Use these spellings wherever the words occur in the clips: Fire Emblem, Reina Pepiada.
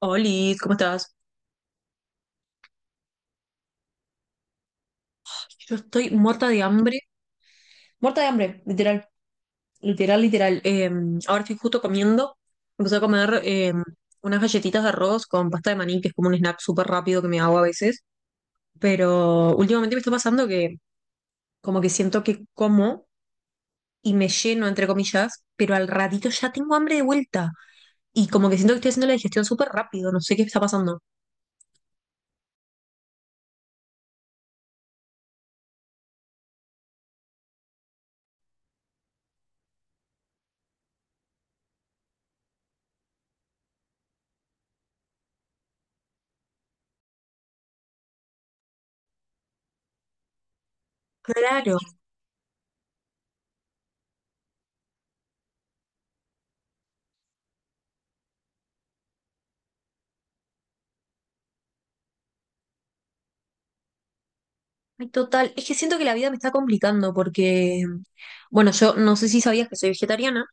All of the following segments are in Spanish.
Oli, ¿cómo estás? Yo estoy muerta de hambre. Muerta de hambre, literal. Literal, literal. Ahora estoy justo comiendo. Empecé a comer unas galletitas de arroz con pasta de maní, que es como un snack súper rápido que me hago a veces. Pero últimamente me está pasando que como que siento que como y me lleno, entre comillas, pero al ratito ya tengo hambre de vuelta. Y como que siento que estoy haciendo la digestión súper rápido. No sé qué está pasando. Claro. Ay, total, es que siento que la vida me está complicando porque, bueno, yo no sé si sabías que soy vegetariana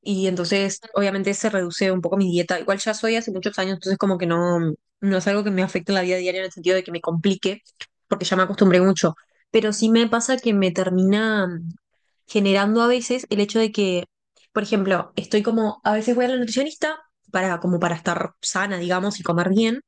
y entonces obviamente se reduce un poco mi dieta. Igual ya soy hace muchos años, entonces como que no, no es algo que me afecte en la vida diaria en el sentido de que me complique, porque ya me acostumbré mucho. Pero sí me pasa que me termina generando a veces el hecho de que, por ejemplo, estoy como, a veces voy a la nutricionista para, como para estar sana, digamos, y comer bien.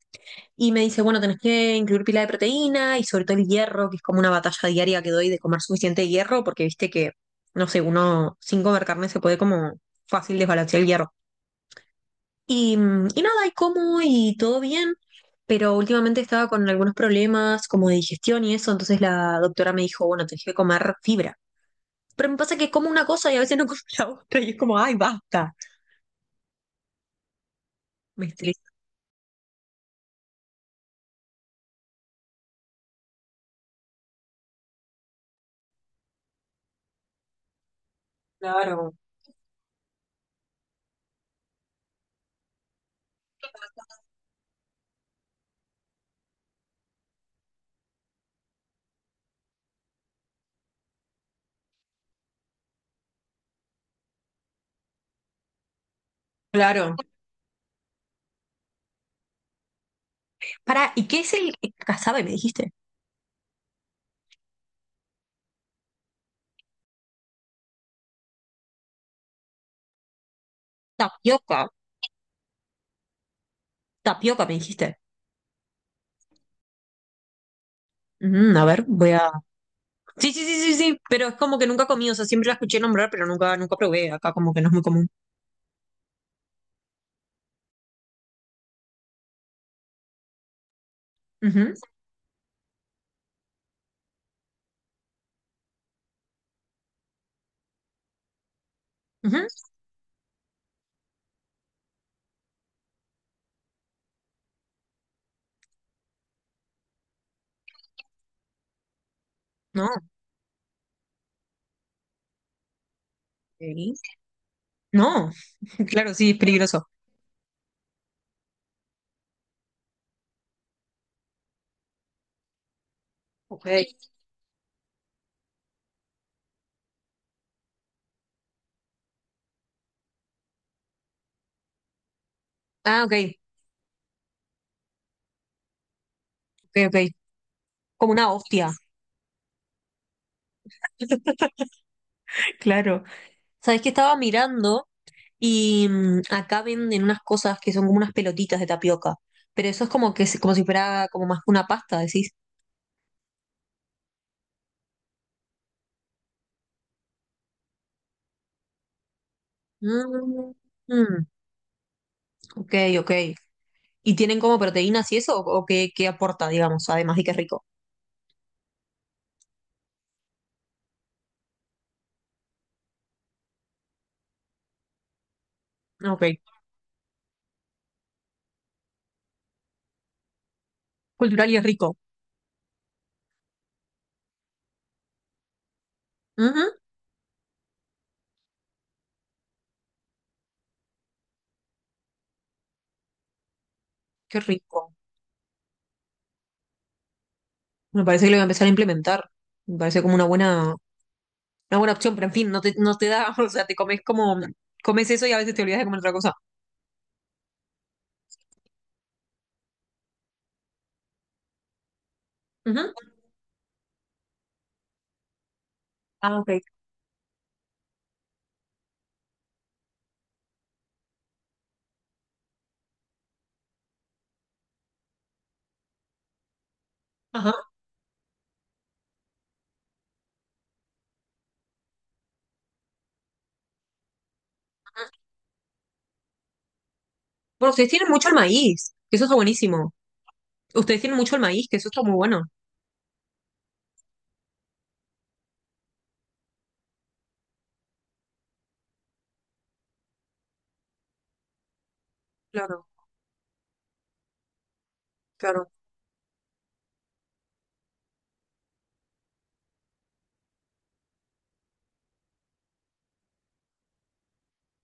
Y me dice, bueno, tenés que incluir pila de proteína y sobre todo el hierro, que es como una batalla diaria que doy de comer suficiente hierro, porque viste que, no sé, uno sin comer carne se puede como fácil desbalancear el hierro. Y, y nada, y como y todo bien, pero últimamente estaba con algunos problemas como de digestión y eso, entonces la doctora me dijo, bueno, tenés que comer fibra. Pero me pasa que como una cosa y a veces no como la otra y es como, ay, basta. Me estresa. Claro, claro. Para, ¿y qué es el casabe, me dijiste? Tapioca. Tapioca, me dijiste. Mm, a ver, voy a. Sí, sí, sí, sí, sí, pero es como que nunca comí, o sea, siempre la escuché nombrar, pero nunca, nunca probé. Acá como que no es muy común. Ujú, ujú. No, ok. No, claro, sí, es peligroso. Ok. Ah, ok, ok, ok. Como una hostia. Claro. Sabes que estaba mirando y acá venden unas cosas que son como unas pelotitas de tapioca, pero eso es como que es como si fuera como más que una pasta, decís. Mm, mm, ok, ok. ¿Y tienen como proteínas y eso? O qué, qué aporta, digamos, además de que es rico? Ah, ok, cultural y es rico. Ujú. Qué rico. Me parece que lo voy a empezar a implementar. Me parece como una buena opción, pero en fin, no te, no te da, o sea, te comes como, comes eso y a veces te olvidas de comer otra cosa. Ujú. Ah, ok. Ajá. Bueno, ustedes tienen mucho el maíz, que eso está buenísimo. Ustedes tienen mucho el maíz, que eso está muy bueno. Claro, claro.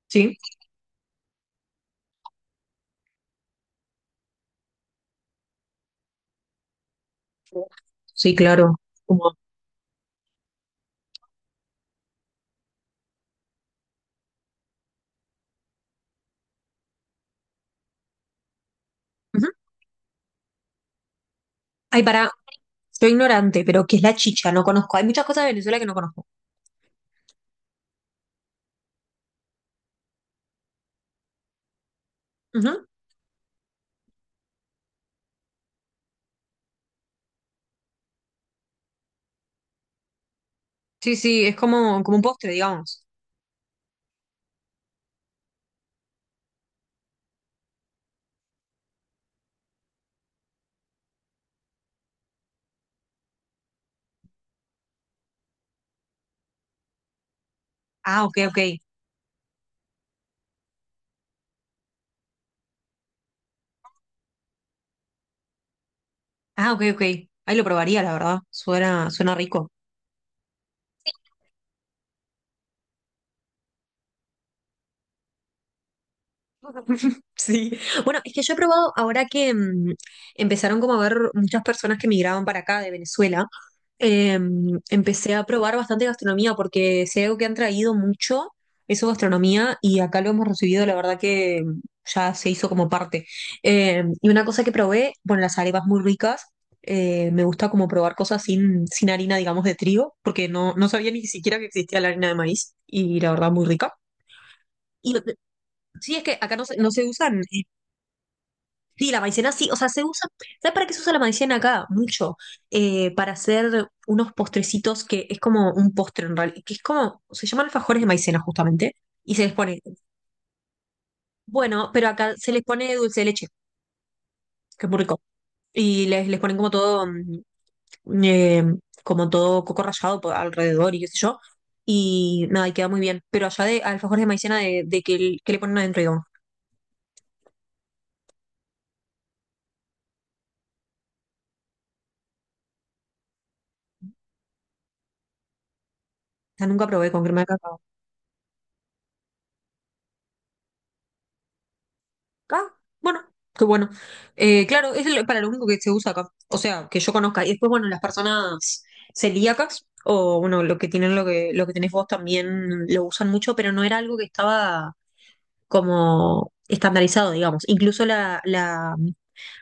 Sí. Sí, claro. Como... Ujú. Ay, para, soy ignorante, pero ¿qué es la chicha? No conozco. Hay muchas cosas de Venezuela que no conozco. Ujú. Sí, sí, es como, como un postre, digamos. Ah, ok, ok. Ah, ok, ok. Ahí lo probaría, la verdad. Suena, suena rico. Sí, bueno, es que yo he probado ahora que empezaron como a ver muchas personas que migraban para acá de Venezuela, eh, empecé a probar bastante gastronomía porque sé algo que han traído mucho eso gastronomía y acá lo hemos recibido, la verdad que ya se hizo como parte. Y una cosa que probé, bueno, las arepas muy ricas, me gusta como probar cosas sin, sin harina, digamos, de trigo, porque no, no sabía ni siquiera que existía la harina de maíz y la verdad muy rica. Y lo que- sí, es que acá no se, no se usan. Sí, la maicena sí, o sea, se usa, ¿sabes para qué se usa la maicena acá? Mucho, para hacer unos postrecitos que es como un postre en realidad, que es como, se llaman alfajores de maicena justamente, y se les pone, bueno, pero acá se les pone dulce de leche, que es muy rico, y les ponen como todo, eh, como todo coco rallado por alrededor y qué sé yo, y nada, y queda muy bien, pero allá de alfajores de maicena de que, el- que le ponen adentro, digamos, o sea, nunca probé con crema de cacao. Ah, bueno, qué bueno. Claro, es el- para lo único que se usa acá. O sea, que yo conozca. Y después, bueno, las personas celíacas, o bueno, lo que tienen lo que tenés vos también lo usan mucho, pero no era algo que estaba como estandarizado, digamos. Incluso la, la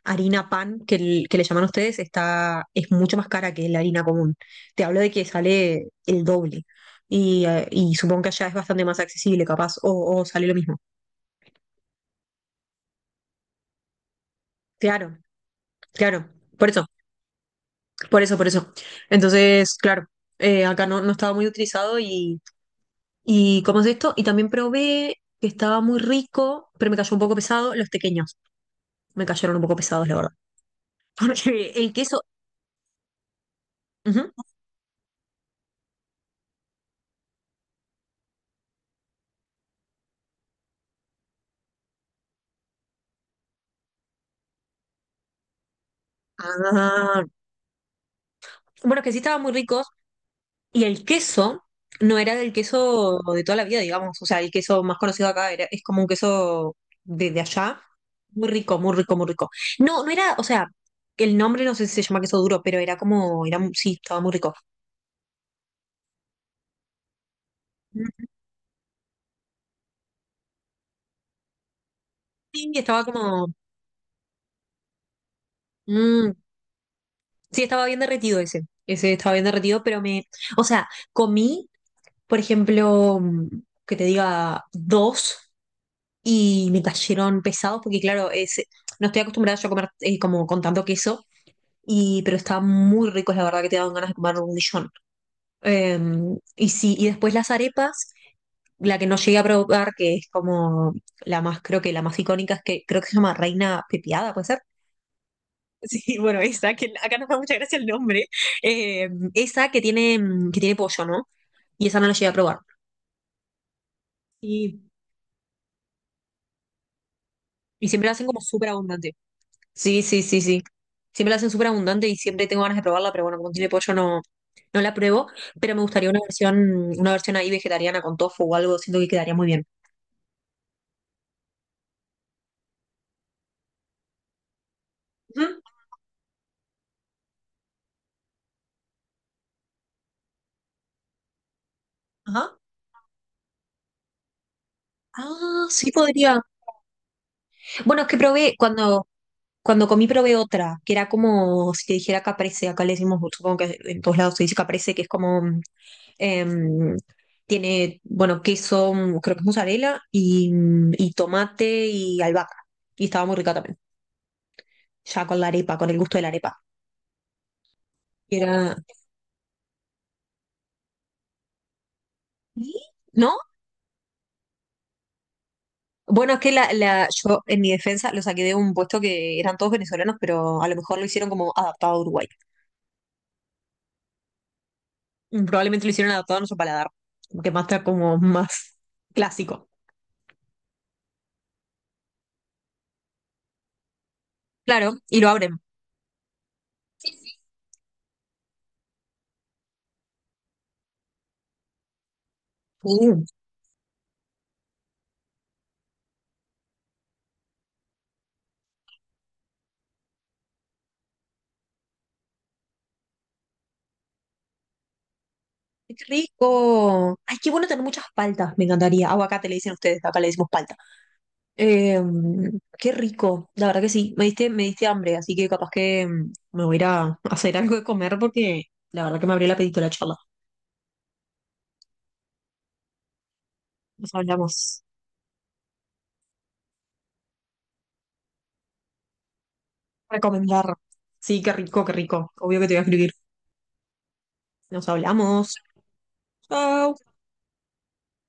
harina pan que, l- que le llaman ustedes está, es mucho más cara que la harina común. Te hablo de que sale el doble. Y supongo que allá es bastante más accesible, capaz, o sale lo mismo. Claro, claro. Por eso. Por eso, por eso. Entonces, claro, acá no, no estaba muy utilizado y ¿cómo es esto? Y también probé que estaba muy rico, pero me cayó un poco pesado. Los pequeños me cayeron un poco pesados, la verdad. Porque el queso... Ujú. Ah, bueno, que sí estaban muy ricos y el queso no era del queso de toda la vida, digamos. O sea, el queso más conocido acá era, es como un queso de allá. Muy rico, muy rico, muy rico. No, no era, o sea, el nombre no sé si se llama queso duro, pero era como, era, sí, estaba muy rico. Sí, estaba como. Mm, sí, estaba bien derretido ese. Ese estaba bien derretido, pero me. O sea, comí, por ejemplo, que te diga dos y me cayeron pesados, porque claro, es, no estoy acostumbrada yo a comer como con tanto queso, y, pero estaban muy ricos, la verdad que te daban ganas de comer un millón. Eh, y sí, y después las arepas, la que no llegué a probar, que es como la más, creo que la más icónica, es que creo que se llama Reina Pepiada, ¿puede ser? Sí, bueno, esa, que acá nos da mucha gracia el nombre. Eh, esa que tiene, que tiene pollo, ¿no? Y esa no la llegué a probar. Y, y siempre la hacen como súper abundante. Sí, sí, sí, sí. Siempre la hacen súper abundante y siempre tengo ganas de probarla, pero bueno, como tiene pollo no, no la pruebo. Pero me gustaría una versión ahí vegetariana con tofu o algo, siento que quedaría muy bien. Ujú. Ajá. Ah, sí podría. Bueno, es que probé, cuando, cuando comí probé otra, que era como si te dijera caprese, acá le decimos, supongo que en todos lados se dice caprese, que es como Em, tiene, bueno, queso, creo que es mozzarella, y, y tomate y albahaca. Y estaba muy rica también, ya con la arepa, con el gusto de la arepa. Y era... ¿Sí? ¿No? Bueno, es que la, yo en mi defensa lo saqué de un puesto que eran todos venezolanos, pero a lo mejor lo hicieron como adaptado a Uruguay. Mm, probablemente lo hicieron adaptado a nuestro paladar, que más está como más clásico. Claro, y lo abren. Uh, ¡Qué rico! Ay, qué bueno tener muchas paltas, me encantaría. Aguacate le dicen ustedes, acá le decimos palta. Eh, qué rico, la verdad que sí, me diste hambre, así que capaz que me voy a ir a hacer algo de comer porque la verdad que me abrió el apetito la charla. Nos hablamos. Recomendar. Sí, qué rico, qué rico. Obvio que te voy a escribir. Nos hablamos. Chao.